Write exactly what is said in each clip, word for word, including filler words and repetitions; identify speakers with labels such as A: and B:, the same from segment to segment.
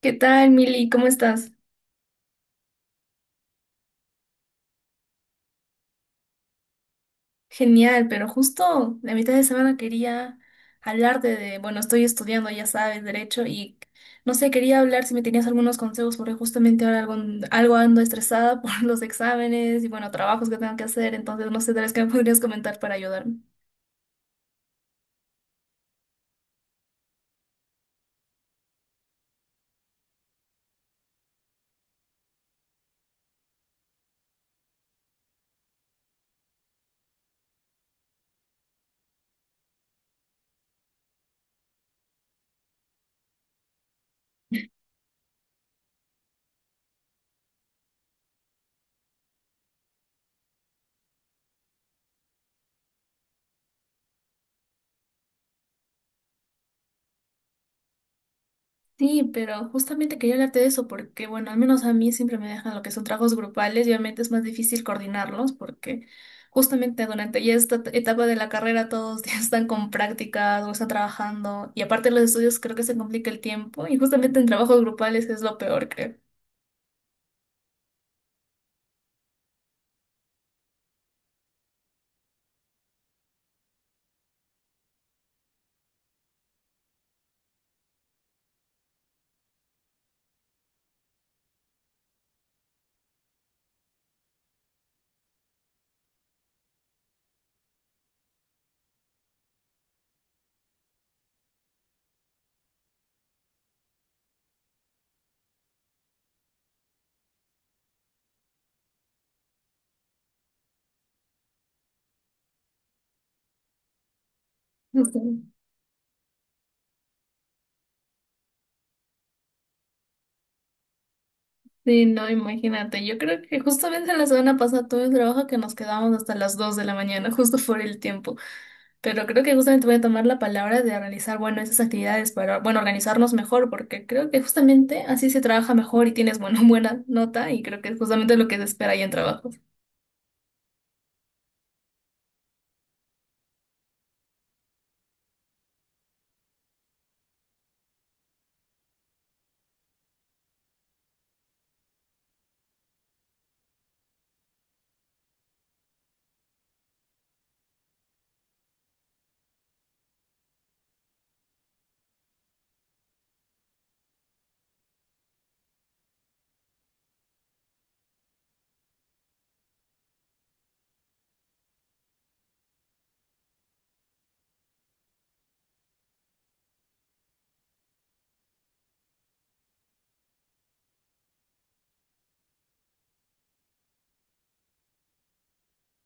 A: ¿Qué tal, Mili? ¿Cómo estás? Genial, pero justo la mitad de semana quería hablarte de, bueno, estoy estudiando, ya sabes, derecho y no sé, quería hablar si me tenías algunos consejos porque justamente ahora algo, algo ando estresada por los exámenes y bueno, trabajos que tengo que hacer, entonces no sé, tal vez qué me podrías comentar para ayudarme. Sí, pero justamente quería hablarte de eso porque, bueno, al menos a mí siempre me dejan lo que son trabajos grupales y obviamente es más difícil coordinarlos porque justamente durante ya esta et- etapa de la carrera todos ya están con prácticas o están trabajando y aparte de los estudios creo que se complica el tiempo y justamente en trabajos grupales es lo peor, creo. Justo. Sí, no, imagínate, yo creo que justamente la semana pasada tuve un trabajo que nos quedamos hasta las dos de la mañana justo por el tiempo. Pero creo que justamente voy a tomar la palabra de realizar, bueno, esas actividades para, bueno, organizarnos mejor, porque creo que justamente así se trabaja mejor y tienes, bueno, buena nota y creo que es justamente lo que se espera ahí en trabajos.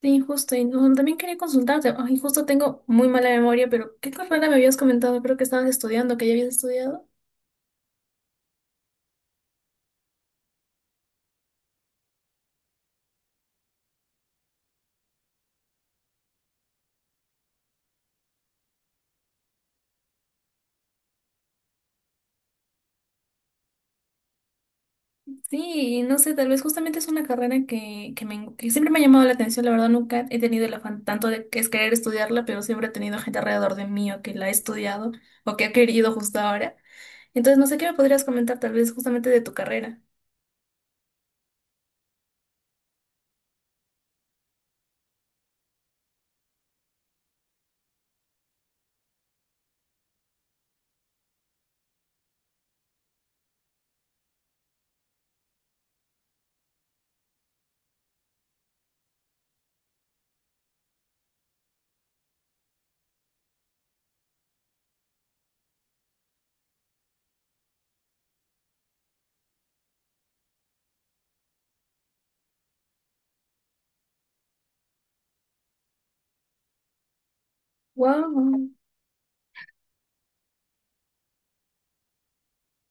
A: Sí, justo. Y no, también quería consultarte. Ay, justo tengo muy mala memoria, pero ¿qué carrera me habías comentado? Creo que estabas estudiando, que ya habías estudiado. Sí, y no sé, tal vez justamente es una carrera que, que, me, que siempre me ha llamado la atención. La verdad, nunca he tenido el afán tanto de que es querer estudiarla, pero siempre he tenido gente alrededor de mí o que la ha estudiado o que ha querido justo ahora. Entonces, no sé qué me podrías comentar tal vez justamente de tu carrera. Wow.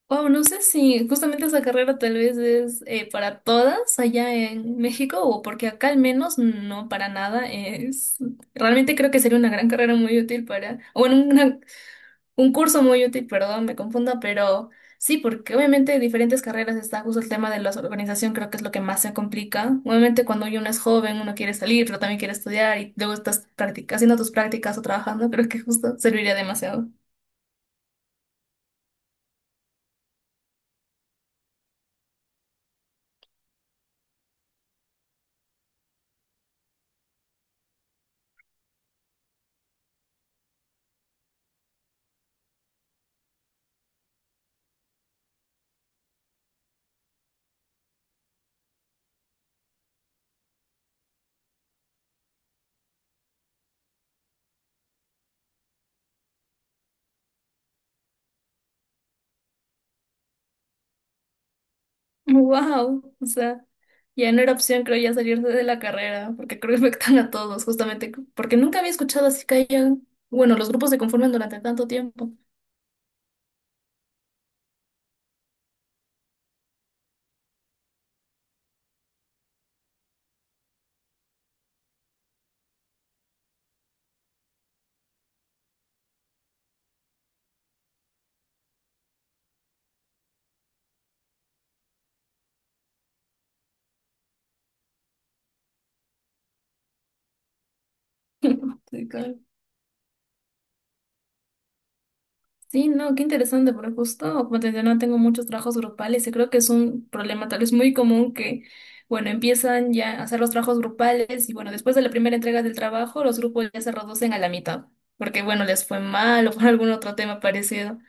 A: Wow, no sé si justamente esa carrera tal vez es eh, para todas allá en México o porque acá al menos no para nada es. Realmente creo que sería una gran carrera muy útil para, o bueno, una. Un curso muy útil, perdón, me confunda, pero sí, porque obviamente en diferentes carreras está justo el tema de la organización, creo que es lo que más se complica. Obviamente cuando uno es joven, uno quiere salir, pero también quiere estudiar y luego estás practic- haciendo tus prácticas o trabajando, creo que justo serviría demasiado. Wow, o sea, ya no era opción, creo, ya salirse de la carrera, porque creo que afectan a todos, justamente, porque nunca había escuchado así que hayan, bueno, los grupos se conforman durante tanto tiempo. Sí, claro. Sí, no, qué interesante, porque justo, como te decía, no tengo muchos trabajos grupales y creo que es un problema tal vez muy común que, bueno, empiezan ya a hacer los trabajos grupales y bueno, después de la primera entrega del trabajo, los grupos ya se reducen a la mitad, porque bueno, les fue mal o por algún otro tema parecido.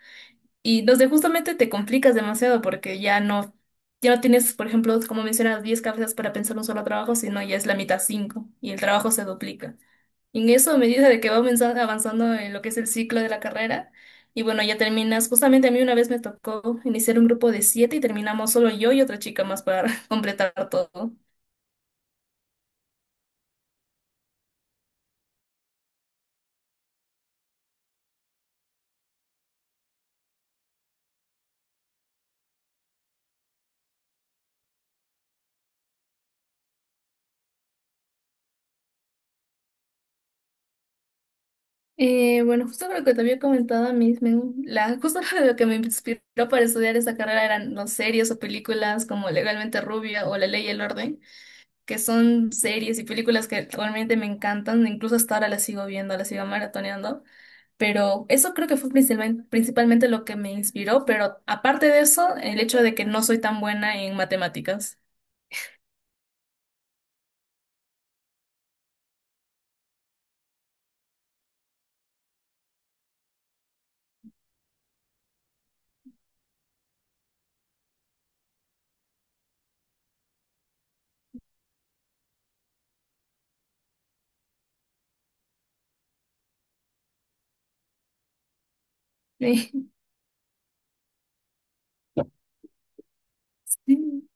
A: Y los de justamente te complicas demasiado porque ya no, ya no tienes, por ejemplo, como mencionas, diez cabezas para pensar un solo trabajo, sino ya es la mitad cinco y el trabajo se duplica. En eso, a medida de que va avanza- avanzando en lo que es el ciclo de la carrera, y bueno, ya terminas. Justamente a mí una vez me tocó iniciar un grupo de siete y terminamos solo yo y otra chica más para completar todo. Eh, bueno, justo lo que te había comentado a mí, me- la, justo lo que me inspiró para estudiar esa carrera eran las series o películas como Legalmente Rubia o La Ley y el Orden, que son series y películas que realmente me encantan, incluso hasta ahora las sigo viendo, las sigo maratoneando. Pero eso creo que fue principalmente, principalmente lo que me inspiró, pero aparte de eso, el hecho de que no soy tan buena en matemáticas. Sí.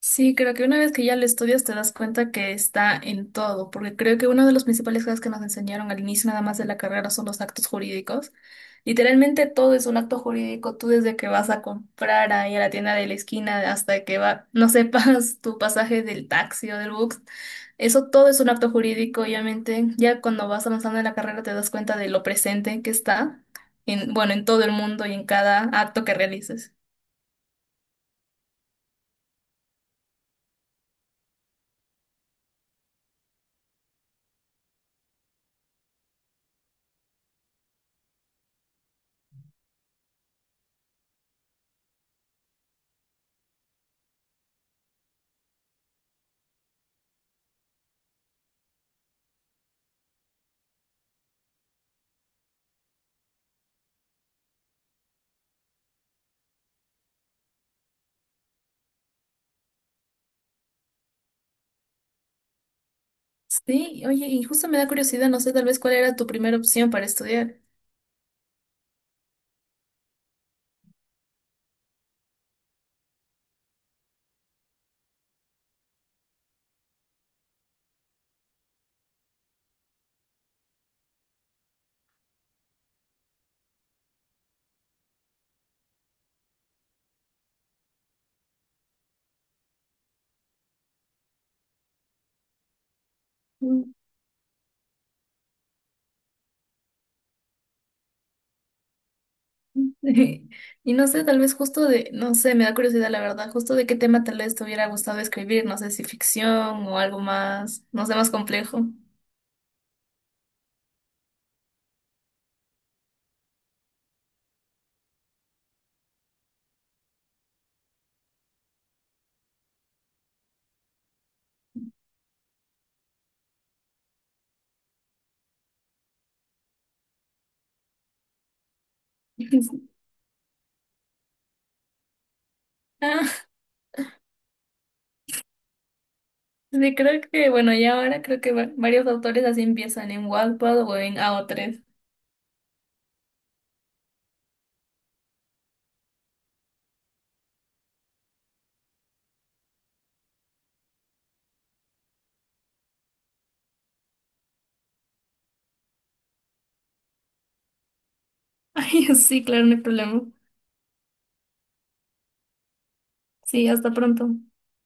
A: Sí, creo que una vez que ya lo estudias te das cuenta que está en todo, porque creo que uno de los principales cosas que nos enseñaron al inicio nada más de la carrera son los actos jurídicos. Literalmente todo es un acto jurídico, tú desde que vas a comprar ahí a la tienda de la esquina hasta que va, no sepas tu pasaje del taxi o del bus, eso todo es un acto jurídico, obviamente. Ya cuando vas avanzando en la carrera te das cuenta de lo presente que está en, bueno, en todo el mundo y en cada acto que realices. Sí, oye, y justo me da curiosidad, no sé tal vez cuál era tu primera opción para estudiar. Mm. Y no sé, tal vez justo de, no sé, me da curiosidad la verdad, justo de qué tema tal vez te hubiera gustado escribir, no sé si ficción o algo más, no sé, más complejo. Ah, sí, creo que, bueno, ya ahora creo que va- varios autores así empiezan en Wattpad o en A o tres. Ay, sí, claro, no hay problema. Sí, hasta pronto.